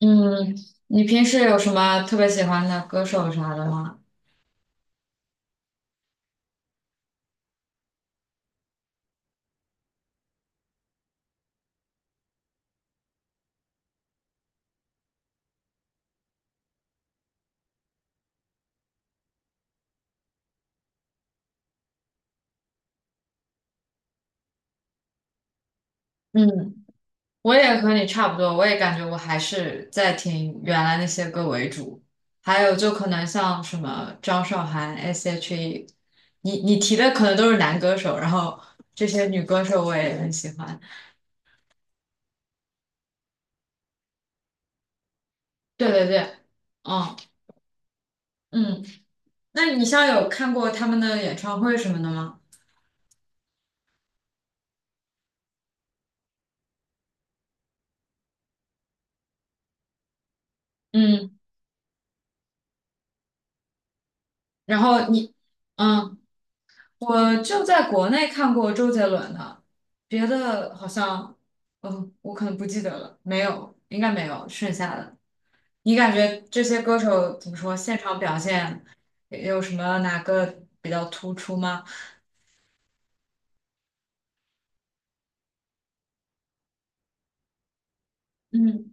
嗯，你平时有什么特别喜欢的歌手啥的吗？嗯，我也和你差不多，我也感觉我还是在听原来那些歌为主，还有就可能像什么张韶涵、S.H.E，你提的可能都是男歌手，然后这些女歌手我也很喜欢。对对对，嗯嗯，那你像有看过他们的演唱会什么的吗？嗯，然后你。嗯。我就在国内看过周杰伦的，别的好像，我可能不记得了，没有，应该没有剩下的。你感觉这些歌手怎么说，现场表现有什么哪个比较突出吗？嗯，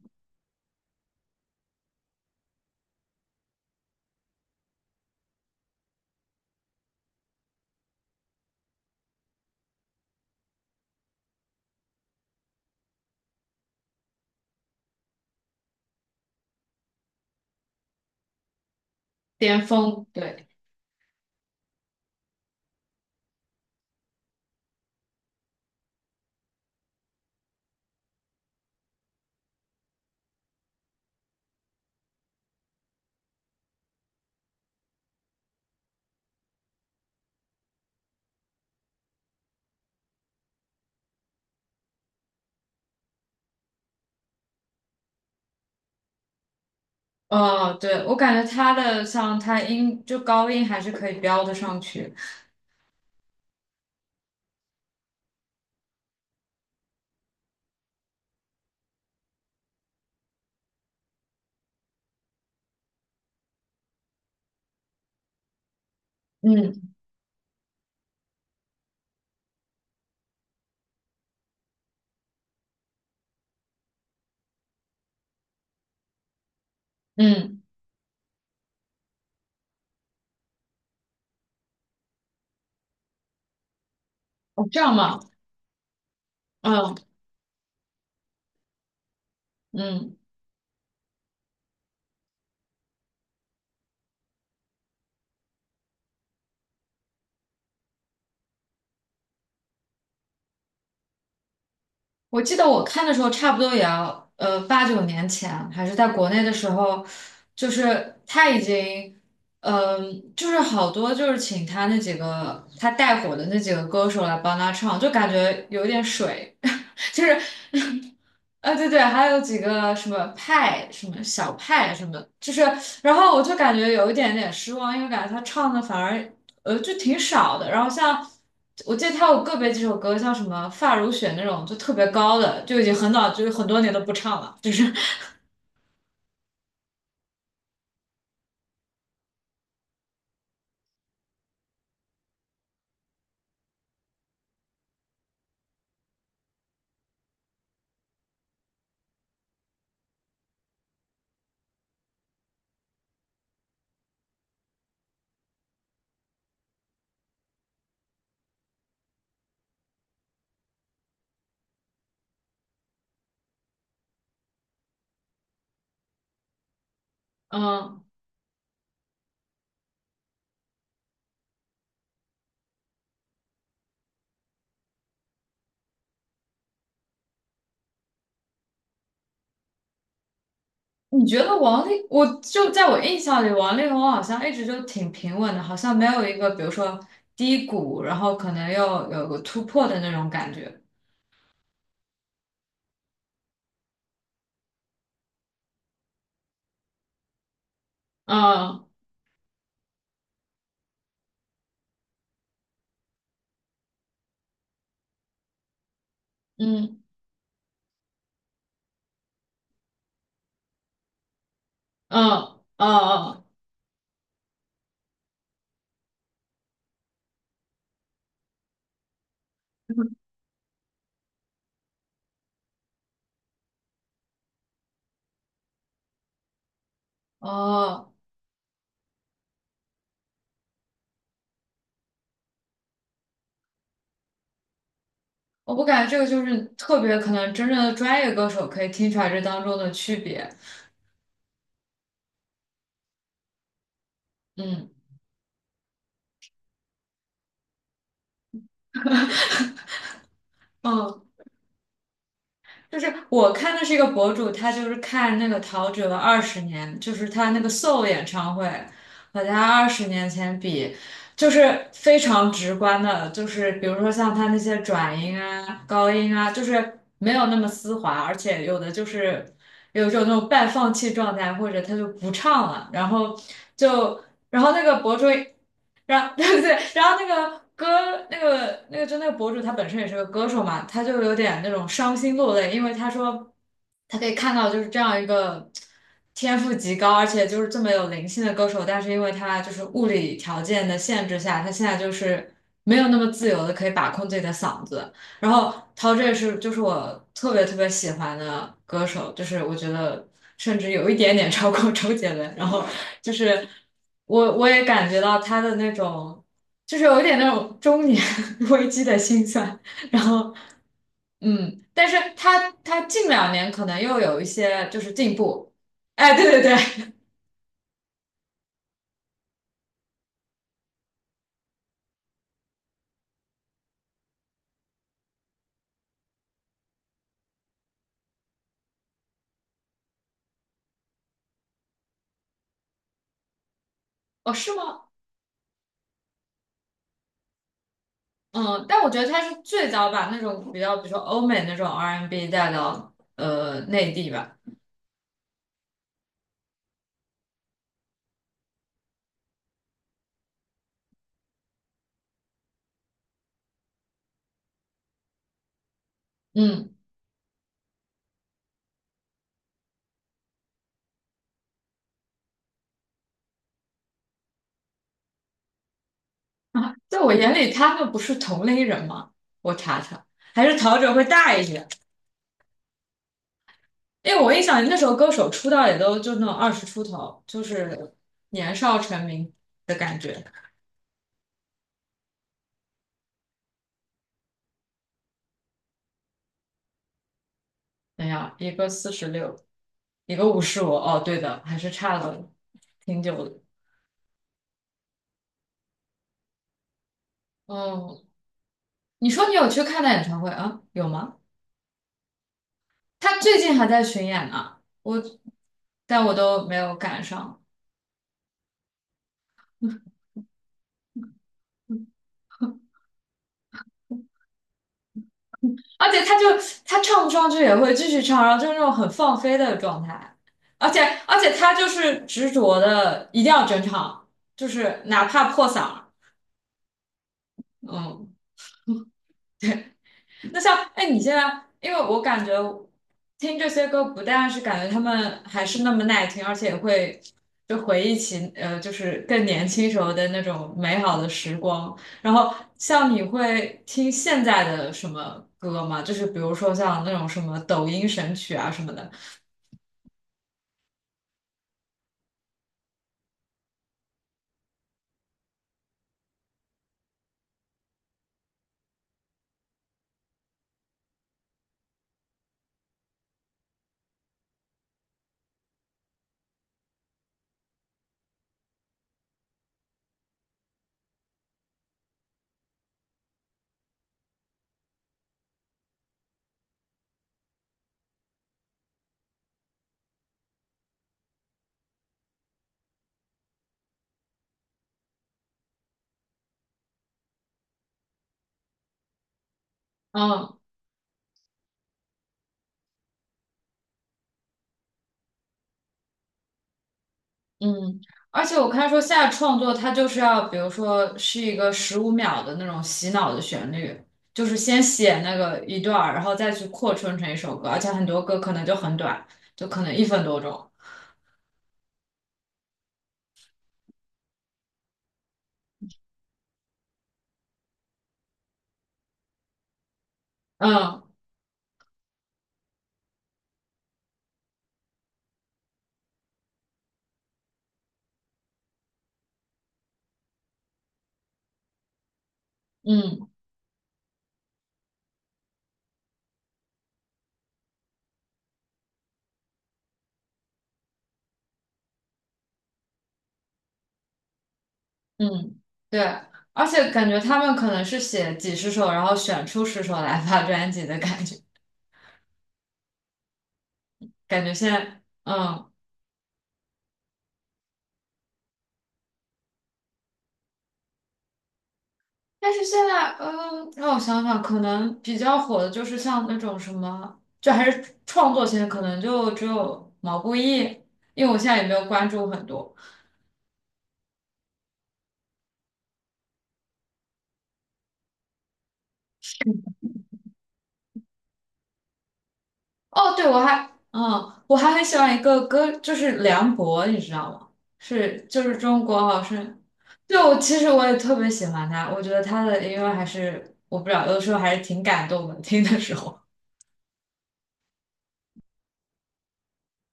巅峰，对，哦，对，我感觉他的像他音就高音还是可以飙得上去。嗯嗯，哦这样吗？嗯嗯。我记得我看的时候，差不多也要八九年前，还是在国内的时候，就是他已经，就是好多就是请他那几个他带火的那几个歌手来帮他唱，就感觉有点水，就是。啊，对对，还有几个什么派，什么小派，什么，就是，然后我就感觉有一点点失望，因为感觉他唱的反而，就挺少的。然后像我记得他有个别几首歌，像什么《发如雪》那种，就特别高的，就已经很早，就是很多年都不唱了。就是，嗯，你觉得王力，我就在我印象里，王力宏好像一直就挺平稳的，好像没有一个比如说低谷，然后可能又有个突破的那种感觉。嗯嗯。嗯哦哦，哦，我不感觉这个就是特别可能真正的专业歌手可以听出来这当中的区别。嗯嗯，就是我看的是一个博主，他就是看那个陶喆二十年，就是他那个 Soul 演唱会和他20年前比，就是非常直观的，就是比如说像他那些转音啊、高音啊，就是没有那么丝滑，而且有的就是有一种那种半放弃状态，或者他就不唱了，然后。就。然后那个博主，然 对对，然后那个歌，那个就那个博主他本身也是个歌手嘛，他就有点那种伤心落泪，因为他说他可以看到就是这样一个天赋极高，而且就是这么有灵性的歌手，但是因为他就是物理条件的限制下，他现在就是没有那么自由的可以把控自己的嗓子，然后陶喆也是，就是我特别特别喜欢的歌手，就是我觉得甚至有一点点 超过周杰伦。然后就是我也感觉到他的那种，就是有一点那种中年 危机的心酸。然后但是他近两年可能又有一些就是进步。哎，对对对，哦，是吗？嗯，但我觉得他是最早把那种比较，比如说欧美那种 R&B n 带到内地吧。嗯。啊，在我眼里，他们不是同类人吗？我查查，还是陶喆会大一些，因为我一想，那时候歌手出道也都就那种二十出头，就是年少成名的感觉。哎呀，一个46，一个55，哦，对的，还是差了挺久的。哦，你说你有去看他演唱会啊？有吗？他最近还在巡演呢，我，但我都没有赶上。而且他就他唱不上去也会继续唱，然后就是那种很放飞的状态，而且而且他就是执着的一定要整场，就是哪怕破嗓儿嗯，那像哎你现在，因为我感觉听这些歌不但是感觉他们还是那么耐听，而且也会就回忆起就是更年轻时候的那种美好的时光。然后像你会听现在的什么歌吗？就是比如说像那种什么抖音神曲啊什么的。嗯嗯，而且我看说现在创作它就是要，比如说是一个15秒的那种洗脑的旋律，就是先写那个一段儿，然后再去扩充成一首歌，而且很多歌可能就很短，就可能一分多钟。嗯嗯嗯，对，而且感觉他们可能是写几十首，然后选出十首来发专辑的感觉，感觉现在但是现在，嗯，让我想想，可能比较火的就是像那种什么，就还是创作型，可能就只有毛不易，因为我现在也没有关注很多。哦，对，我还很喜欢一个歌，就是梁博，你知道吗？是，就是中国好声音。对，我其实我也特别喜欢他，我觉得他的音乐还是，我不知道，有的时候还是挺感动的，听的时候。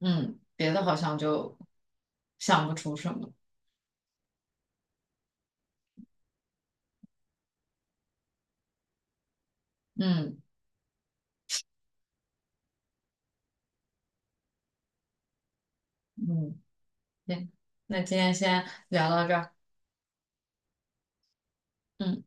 嗯，别的好像就想不出什么。嗯嗯。行，那今天先聊到这儿。嗯。